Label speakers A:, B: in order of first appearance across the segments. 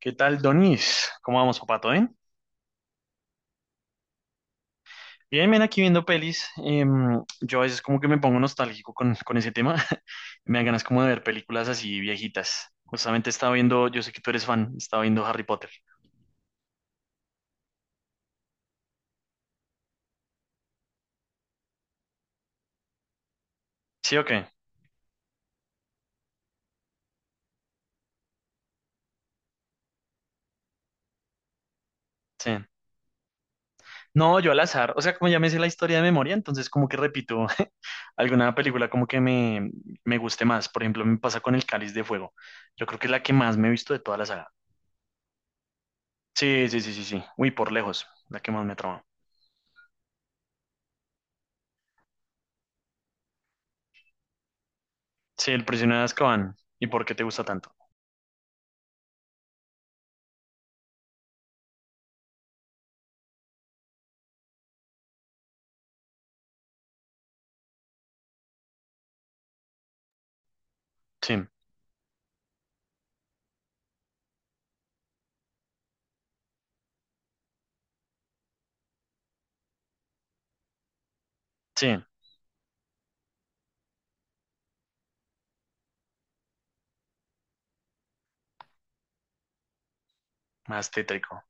A: ¿Qué tal, Donis? ¿Cómo vamos, papato? Bien, ven aquí viendo pelis. Yo a veces como que me pongo nostálgico con ese tema. Me dan ganas como de ver películas así viejitas. Justamente estaba viendo, yo sé que tú eres fan, estaba viendo Harry Potter. ¿Sí o qué? Sí. No, yo al azar. O sea, como ya me sé la historia de memoria, entonces como que repito alguna película como que me guste más. Por ejemplo, me pasa con El Cáliz de Fuego. Yo creo que es la que más me he visto de toda la saga. Sí, sí, sí, sí, sí. Uy, por lejos, la que más me trama. Sí, el prisionero de Azkaban. ¿Y por qué te gusta tanto? Sí, sí, más tétrico.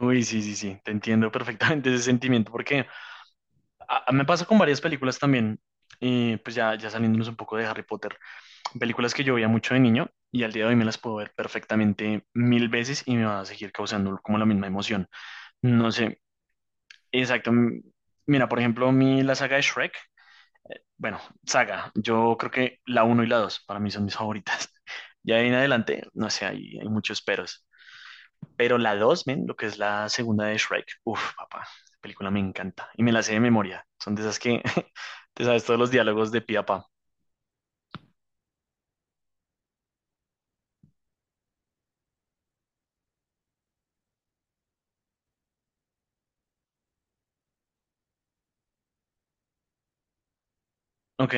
A: Uy, sí, sí, sí, te entiendo perfectamente ese sentimiento, porque me pasa con varias películas también, y pues ya, ya saliéndonos un poco de Harry Potter, películas que yo veía mucho de niño y al día de hoy me las puedo ver perfectamente 1000 veces y me va a seguir causando como la misma emoción. No sé, exacto. Mira, por ejemplo, la saga de Shrek, bueno, saga, yo creo que la uno y la 2 para mí son mis favoritas. Ya de ahí en adelante, no sé, hay muchos peros. Pero la 2, men, lo que es la segunda de Shrek. Uf, papá, esa película me encanta. Y me la sé de memoria. Son de esas que te sabes todos los diálogos de pi a pa. Ok,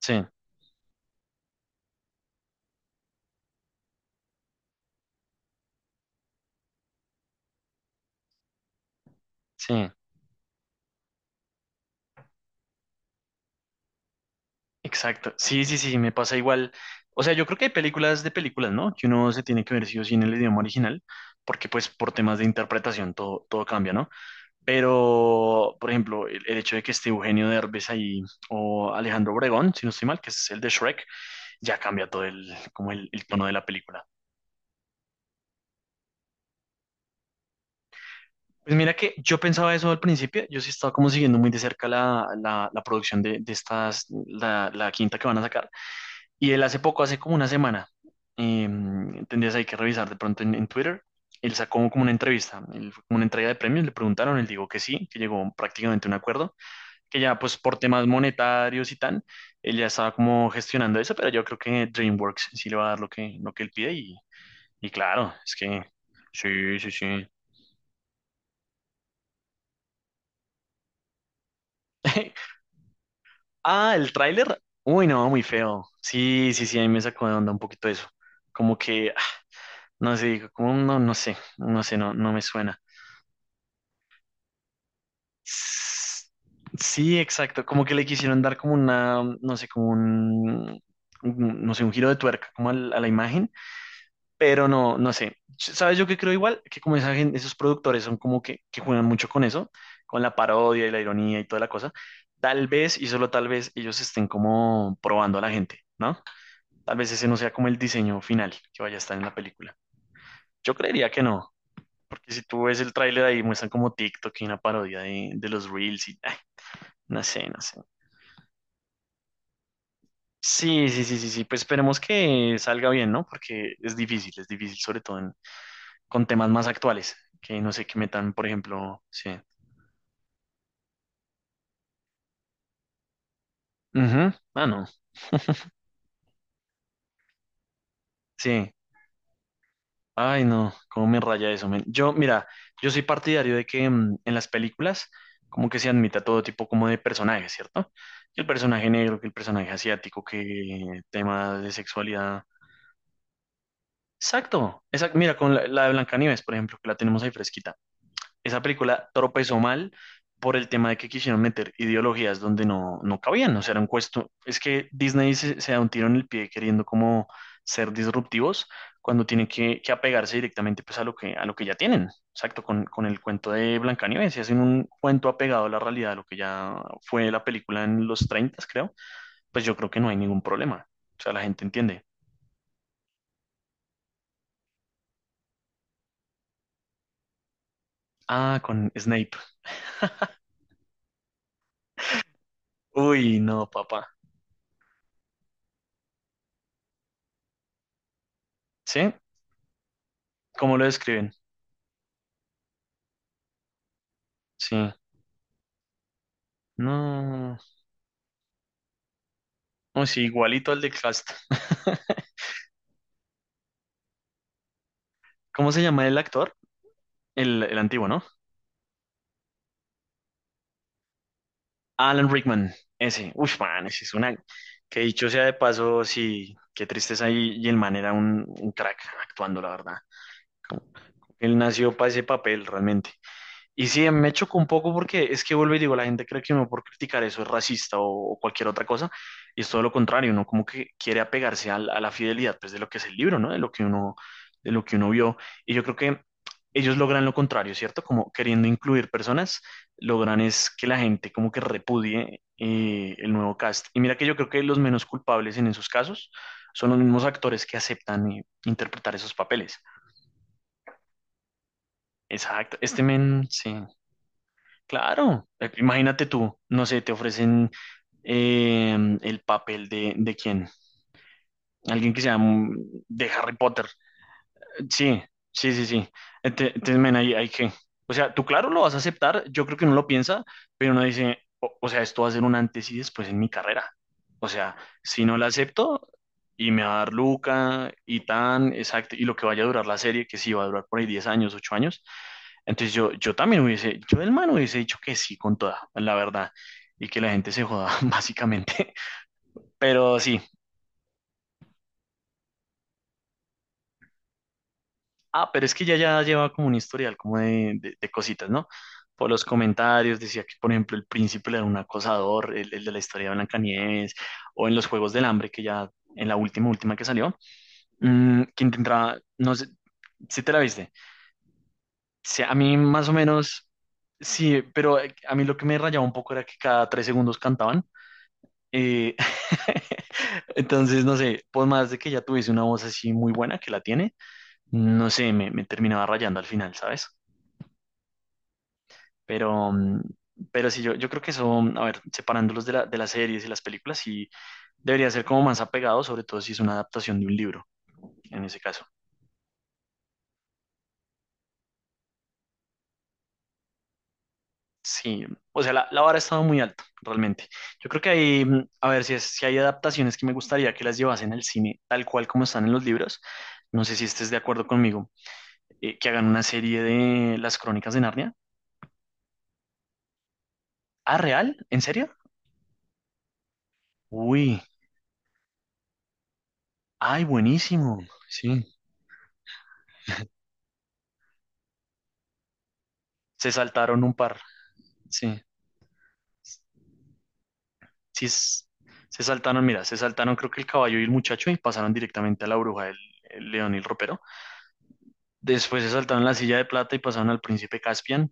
A: sí, sí, exacto. Sí, sí, sí, me pasa igual. O sea, yo creo que hay películas de películas, ¿no? Que uno se tiene que ver sí o sí en el idioma original, porque pues por temas de interpretación todo, todo cambia, ¿no? Pero, por ejemplo, el hecho de que esté Eugenio Derbez ahí o Alejandro Obregón, si no estoy mal, que es el de Shrek, ya cambia todo el, como el tono de la película. Pues mira que yo pensaba eso al principio, yo sí estaba como siguiendo muy de cerca la producción de, de la quinta que van a sacar. Y él hace poco, hace como una semana, eh, tendrías ahí que revisar de pronto en Twitter, él sacó como una entrevista, él fue como una entrega de premios, le preguntaron, él dijo que sí, que llegó prácticamente a un acuerdo, que ya pues por temas monetarios y tal, él ya estaba como gestionando eso, pero yo creo que DreamWorks sí le va a dar lo que él pide y claro, es que sí, sí, sí. Ah, el tráiler. Uy, no, muy feo. Sí, sí, sí, a mí me sacó de onda un poquito eso. Como que, no sé, como no, no sé, no sé, no, no me suena. S- Sí, exacto, como que le quisieron dar como una, no sé, no sé, un giro de tuerca como a la imagen, pero no, no sé. ¿Sabes yo qué creo igual? Que como esos productores son como que juegan mucho con eso, con la parodia y la ironía y toda la cosa, tal vez, y solo tal vez, ellos estén como probando a la gente, ¿no? Tal vez ese no sea como el diseño final que vaya a estar en la película. Yo creería que no, porque si tú ves el tráiler ahí muestran como TikTok y una parodia de los Reels y ay, no sé, no sé. Sí, sí, sí, sí, sí, pues esperemos que salga bien, ¿no? Porque es difícil, sobre todo con temas más actuales, que no sé, que metan, por ejemplo, sí. Ujú. Ah, no, sí. Ay, no, cómo me raya eso, men. Yo, mira, yo soy partidario de que en las películas como que se admita todo tipo como de personajes, ¿cierto? Que el personaje negro, que el personaje asiático, que temas de sexualidad. Exacto, exacto. Mira, con la de Blancanieves, por ejemplo, que la tenemos ahí fresquita. Esa película tropezó mal por el tema de que quisieron meter ideologías donde no, no cabían. O sea, era un cuesto, es que Disney se da un tiro en el pie queriendo como ser disruptivos cuando tienen que apegarse directamente pues a lo que ya tienen. Exacto, con el cuento de Blancanieves, si hacen un cuento apegado a la realidad, a lo que ya fue la película en los 30 creo, pues yo creo que no hay ningún problema, o sea, la gente entiende. Ah, con Snape. Uy, no, papá. ¿Sí? ¿Cómo lo describen? Sí. No. Oh, sí, igualito al de Cast. ¿Cómo se llama el actor? El antiguo, ¿no? Alan Rickman. Ese. Uf, man, ese es una... Que dicho sea de paso, sí, qué tristeza. Y el man era un crack actuando, la verdad. Él nació para ese papel, realmente. Y sí, me choca un poco porque es que vuelvo y digo, la gente cree que uno por criticar eso es racista o cualquier otra cosa, y es todo lo contrario, uno como que quiere apegarse a la fidelidad pues, de lo que es el libro, ¿no? De lo que uno vio. Y yo creo que ellos logran lo contrario, ¿cierto? Como queriendo incluir personas, logran es que la gente como que repudie el nuevo cast. Y mira que yo creo que los menos culpables en esos casos son los mismos actores que aceptan interpretar esos papeles. Exacto, este men, sí. Claro, imagínate tú, no sé, te ofrecen eh, el papel de quién, alguien que sea de Harry Potter. Sí, sí, sí, sí. Entonces, men, ahí qué. O sea, tú claro lo vas a aceptar, yo creo que uno lo piensa, pero uno dice, o sea, esto va a ser un antes y después en mi carrera. O sea, si no la acepto y me va a dar Luca y tan, exacto, y lo que vaya a durar la serie, que sí va a durar por ahí 10 años, 8 años, entonces yo también hubiese, yo del man hubiese dicho que sí con toda, la verdad, y que la gente se joda, básicamente. Pero sí, ah, pero es que ya lleva como un historial como de cositas, ¿no? Por los comentarios decía que, por ejemplo, el príncipe era un acosador, el de la historia de Blancanieves, o en los Juegos del Hambre, que ya en la última, última que salió, que intentaba, no sé, si te la viste. Sí, a mí más o menos, sí, pero a mí lo que me rayaba un poco era que cada 3 segundos cantaban. Eh, entonces, no sé, por más de que ya tuviese una voz así muy buena que la tiene, no sé, me terminaba rayando al final, ¿sabes? Pero, pero sí, yo creo que eso, a ver, separándolos de las series y las películas, sí debería ser como más apegado, sobre todo si es una adaptación de un libro, en ese caso. Sí, o sea, la vara ha estado muy alta, realmente. Yo creo que hay, a ver, si hay adaptaciones que me gustaría que las llevasen al cine tal cual como están en los libros, no sé si estés de acuerdo conmigo. Eh, que hagan una serie de Las Crónicas de Narnia. Ah, ¿real? ¿En serio? Uy, ay, buenísimo. Sí, se saltaron un par. Sí, sí, se saltaron, mira, se saltaron creo que el caballo y el muchacho y pasaron directamente a la bruja del el león y el ropero. Después se saltaron la silla de plata y pasaron al príncipe Caspian.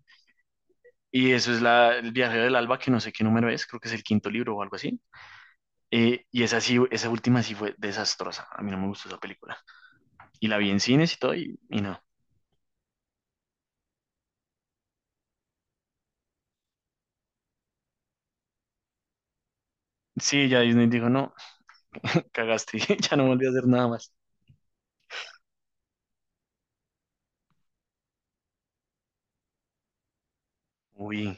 A: Y eso es el viajero del alba, que no sé qué número es, creo que es el quinto libro o algo así. Y esa sí, esa última sí fue desastrosa. A mí no me gustó esa película. Y la vi en cines y todo, y no. Sí, ya Disney dijo, no, cagaste, ya no volví a hacer nada más. Uy,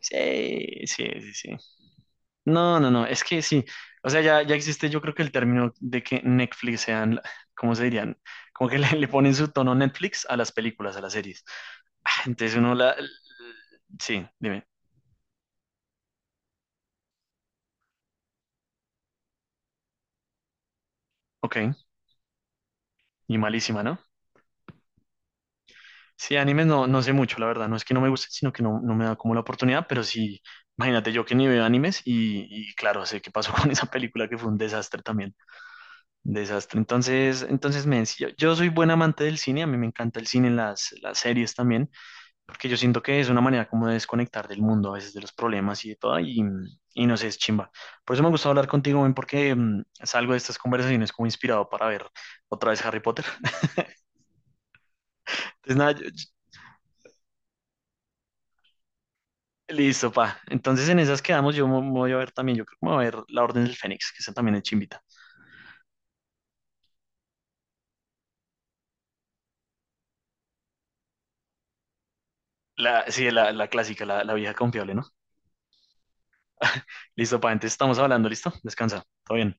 A: sí, sí, sí, sí. No, no, no, es que sí. O sea, ya existe, yo creo que el término de que Netflix sean, ¿cómo se dirían? Como que le ponen su tono Netflix a las películas, a las series. Ah, entonces uno la... Sí, dime. Ok, y malísima, ¿no? Sí, animes no, no sé mucho, la verdad. No es que no me guste, sino que no, no me da como la oportunidad, pero sí, imagínate yo que ni veo animes y claro, sé qué pasó con esa película que fue un desastre también. Desastre. Entonces, entonces me decía, yo soy buen amante del cine, a mí me encanta el cine, las series también, porque yo siento que es una manera como de desconectar del mundo, a veces de los problemas y de todo, no sé, es chimba. Por eso me gustó hablar contigo, men, porque salgo de estas conversaciones como inspirado para ver otra vez Harry Potter. Entonces, nada, listo, pa. Entonces, en esas quedamos, yo me voy a ver también, yo creo que me voy a ver La Orden del Fénix, que esa también es chimbita. Sí, la clásica, la vieja confiable, ¿no? Listo, pa, entonces estamos hablando, ¿listo? Descansa, todo bien.